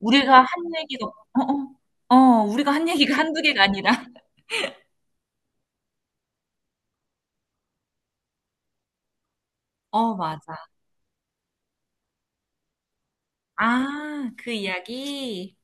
우리가 한 얘기가. 어어. 어 어, 우리가 한 얘기가 한두 개가 아니라. 어, 맞아. 아, 그 이야기?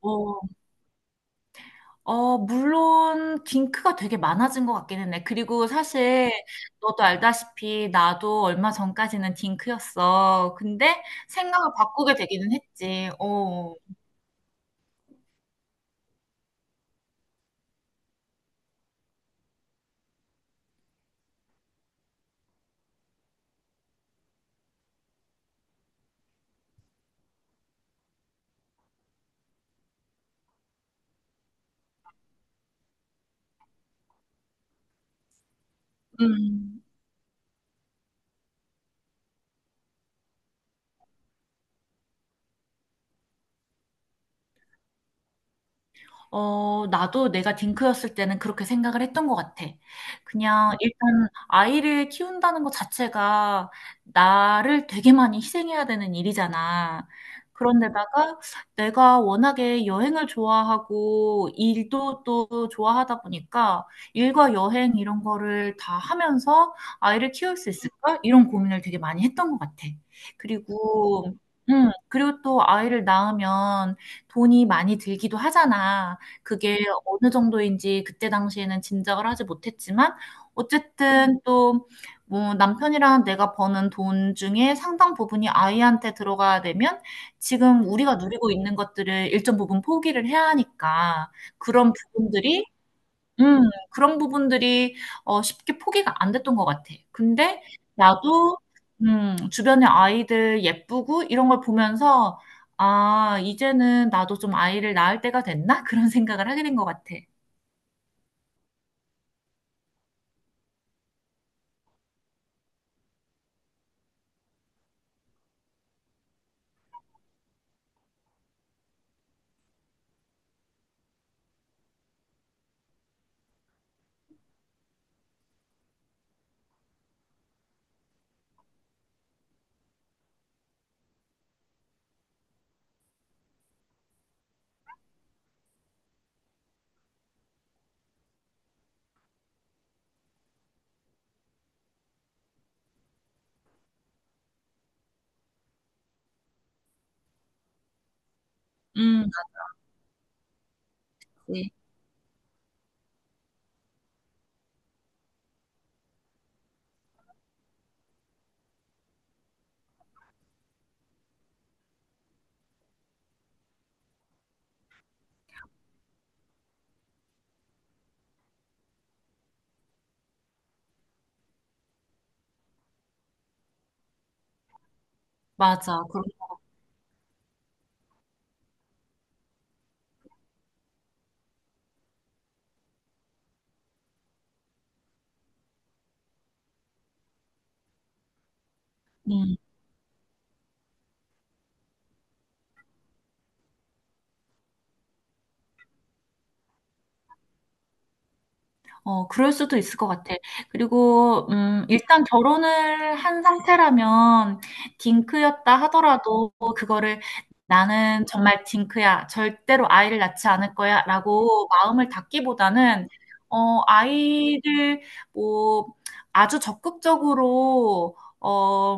어. 어, 물론 딩크가 되게 많아진 것 같기는 해. 그리고 사실 너도 알다시피 나도 얼마 전까지는 딩크였어. 근데 생각을 바꾸게 되기는 했지. 어. 음. 어, 나도 내가 딩크였을 때는 그렇게 생각을 했던 것 같아. 그냥 일단 아이를 키운다는 것 자체가 나를 되게 많이 희생해야 되는 일이잖아. 그런데다가 내가 워낙에 여행을 좋아하고 일도 또 좋아하다 보니까 일과 여행 이런 거를 다 하면서 아이를 키울 수 있을까? 이런 고민을 되게 많이 했던 것 같아. 그리고, 그리고, 또 아이를 낳으면 돈이 많이 들기도 하잖아. 그게 어느 정도인지 그때 당시에는 짐작을 하지 못했지만 어쨌든 또 뭐 남편이랑 내가 버는 돈 중에 상당 부분이 아이한테 들어가야 되면 지금 우리가 누리고 있는 것들을 일정 부분 포기를 해야 하니까 그런 부분들이 음. 그런 부분들이 쉽게 포기가 안 됐던 것 같아. 근데 나도 주변의 아이들 예쁘고 이런 걸 보면서 '아, 이제는 나도 좀 아이를 낳을 때가 됐나?' 그런 생각을 하게 된 것 같아. 음, 맞지. 맞아. 그런, 음. 어, 그럴 수도 있을 것 같아. 그리고, 일단 결혼을 한 상태라면, 딩크였다 하더라도, 그거를 나는 정말 딩크야. 절대로 아이를 낳지 않을 거야. 라고 마음을 닫기보다는, 어, 아이를 뭐, 아주 적극적으로, 어,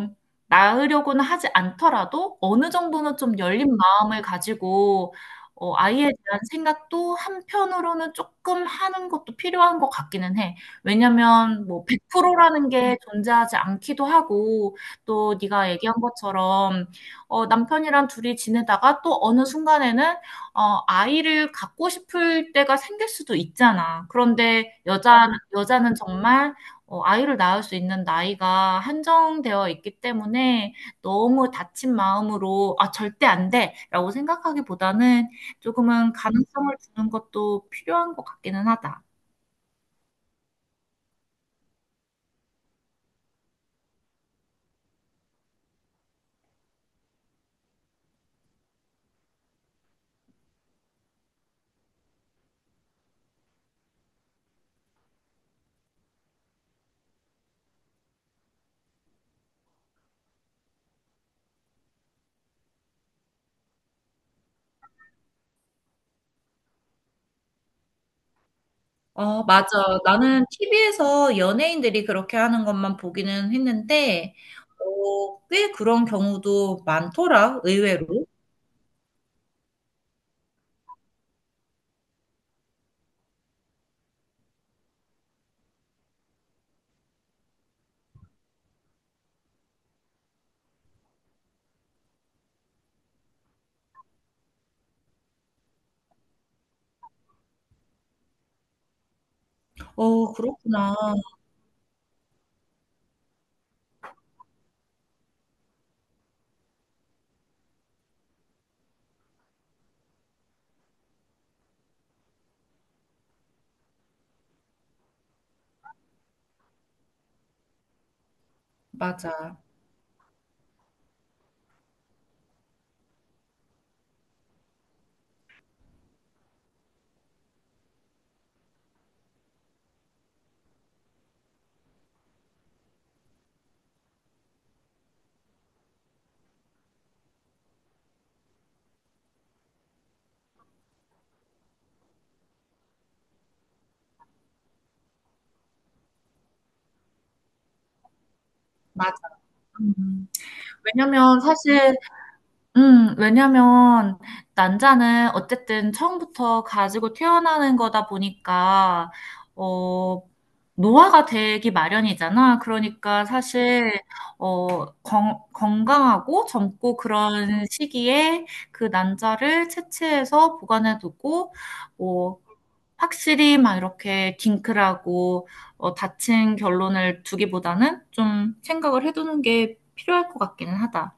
낳으려고는 하지 않더라도, 어느 정도는 좀 열린 마음을 가지고, 어, 아이에 대한 생각도 한편으로는 조금 하는 것도 필요한 것 같기는 해. 왜냐면 뭐 100% 라는 게 존재하지 않기도 하고 또 네가 얘기한 것처럼 어, 남편이랑 둘이 지내다가 또 어느 순간에는 어, 아이를 갖고 싶을 때가 생길 수도 있잖아. 그런데 여자는 정말 어, 아이를 낳을 수 있는 나이가 한정되어 있기 때문에 너무 다친 마음으로 '아, 절대 안 돼.'라고 생각하기보다는 조금은 가능성을 주는 것도 필요한 것 같기는 하다. 어, 맞아. 나는 TV에서 연예인들이 그렇게 하는 것만 보기는 했는데, 어, 꽤 그런 경우도 많더라, 의외로. 어, 그렇구나. 맞아. 맞아. 음. 왜냐면 사실 왜냐면 난자는 어쨌든 처음부터 가지고 태어나는 거다 보니까 어 노화가 되기 마련이잖아. 그러니까 사실 건강하고 젊고 그런 시기에 그 난자를 채취해서 보관해 두고 뭐 확실히 막 이렇게 딩크라고 어, 다친 결론을 두기보다는 좀 생각을 해두는 게 필요할 것 같기는 하다.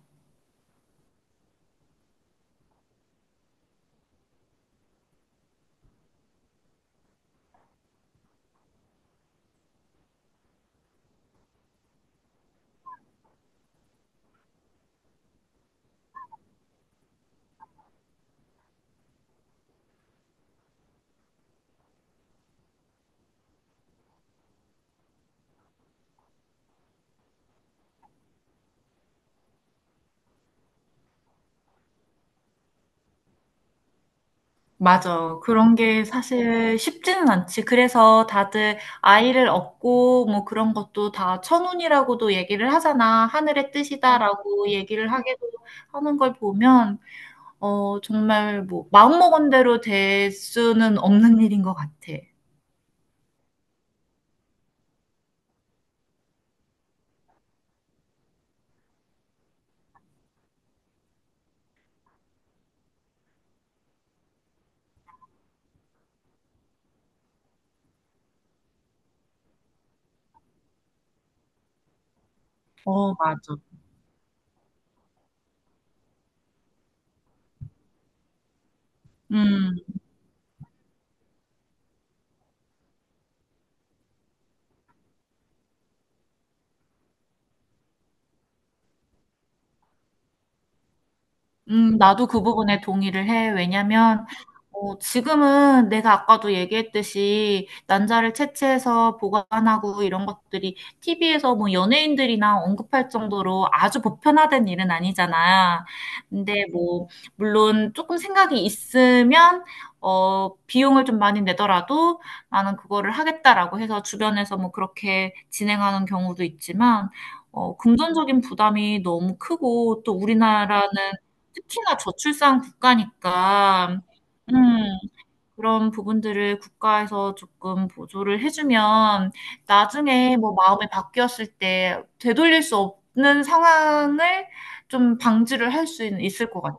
맞아. 그런 게 사실 쉽지는 않지. 그래서 다들 아이를 얻고 뭐 그런 것도 다 천운이라고도 얘기를 하잖아. 하늘의 뜻이다라고 얘기를 하기도 하는 걸 보면, 어, 정말 뭐 마음먹은 대로 될 수는 없는 일인 것 같아. 어, 맞아. 음. 나도 그 부분에 동의를 해. 왜냐면, 어, 지금은 내가 아까도 얘기했듯이 난자를 채취해서 보관하고 이런 것들이 TV에서 뭐 연예인들이나 언급할 정도로 아주 보편화된 일은 아니잖아. 근데 뭐, 물론 조금 생각이 있으면, 어, 비용을 좀 많이 내더라도 나는 그거를 하겠다라고 해서 주변에서 뭐 그렇게 진행하는 경우도 있지만, 어, 금전적인 부담이 너무 크고 또 우리나라는 특히나 저출산 국가니까 음 그런 부분들을 국가에서 조금 보조를 해 주면 나중에 뭐 마음이 바뀌었을 때 되돌릴 수 없는 상황을 좀 방지를 할 수 있을 것 같아.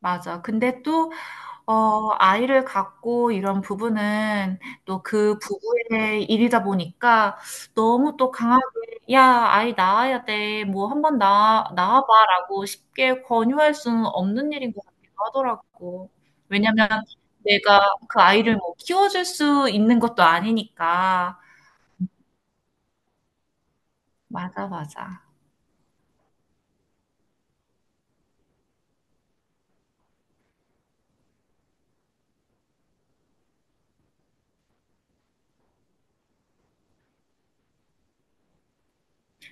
맞아. 근데 또 어, 아이를 갖고 이런 부부는 또 그 부부의 일이다 보니까 너무 또 강하게, 야, 아이 낳아야 돼. 뭐 한번 낳아봐. 라고 쉽게 권유할 수는 없는 일인 것 같기도 하더라고. 왜냐면 내가 그 아이를 뭐 키워줄 수 있는 것도 아니니까. 맞아, 맞아.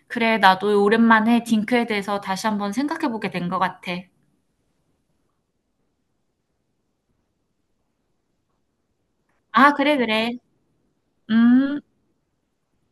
그래, 나도 오랜만에 딩크에 대해서 다시 한번 생각해보게 된 것 같아. 아, 그래, 그래. 음.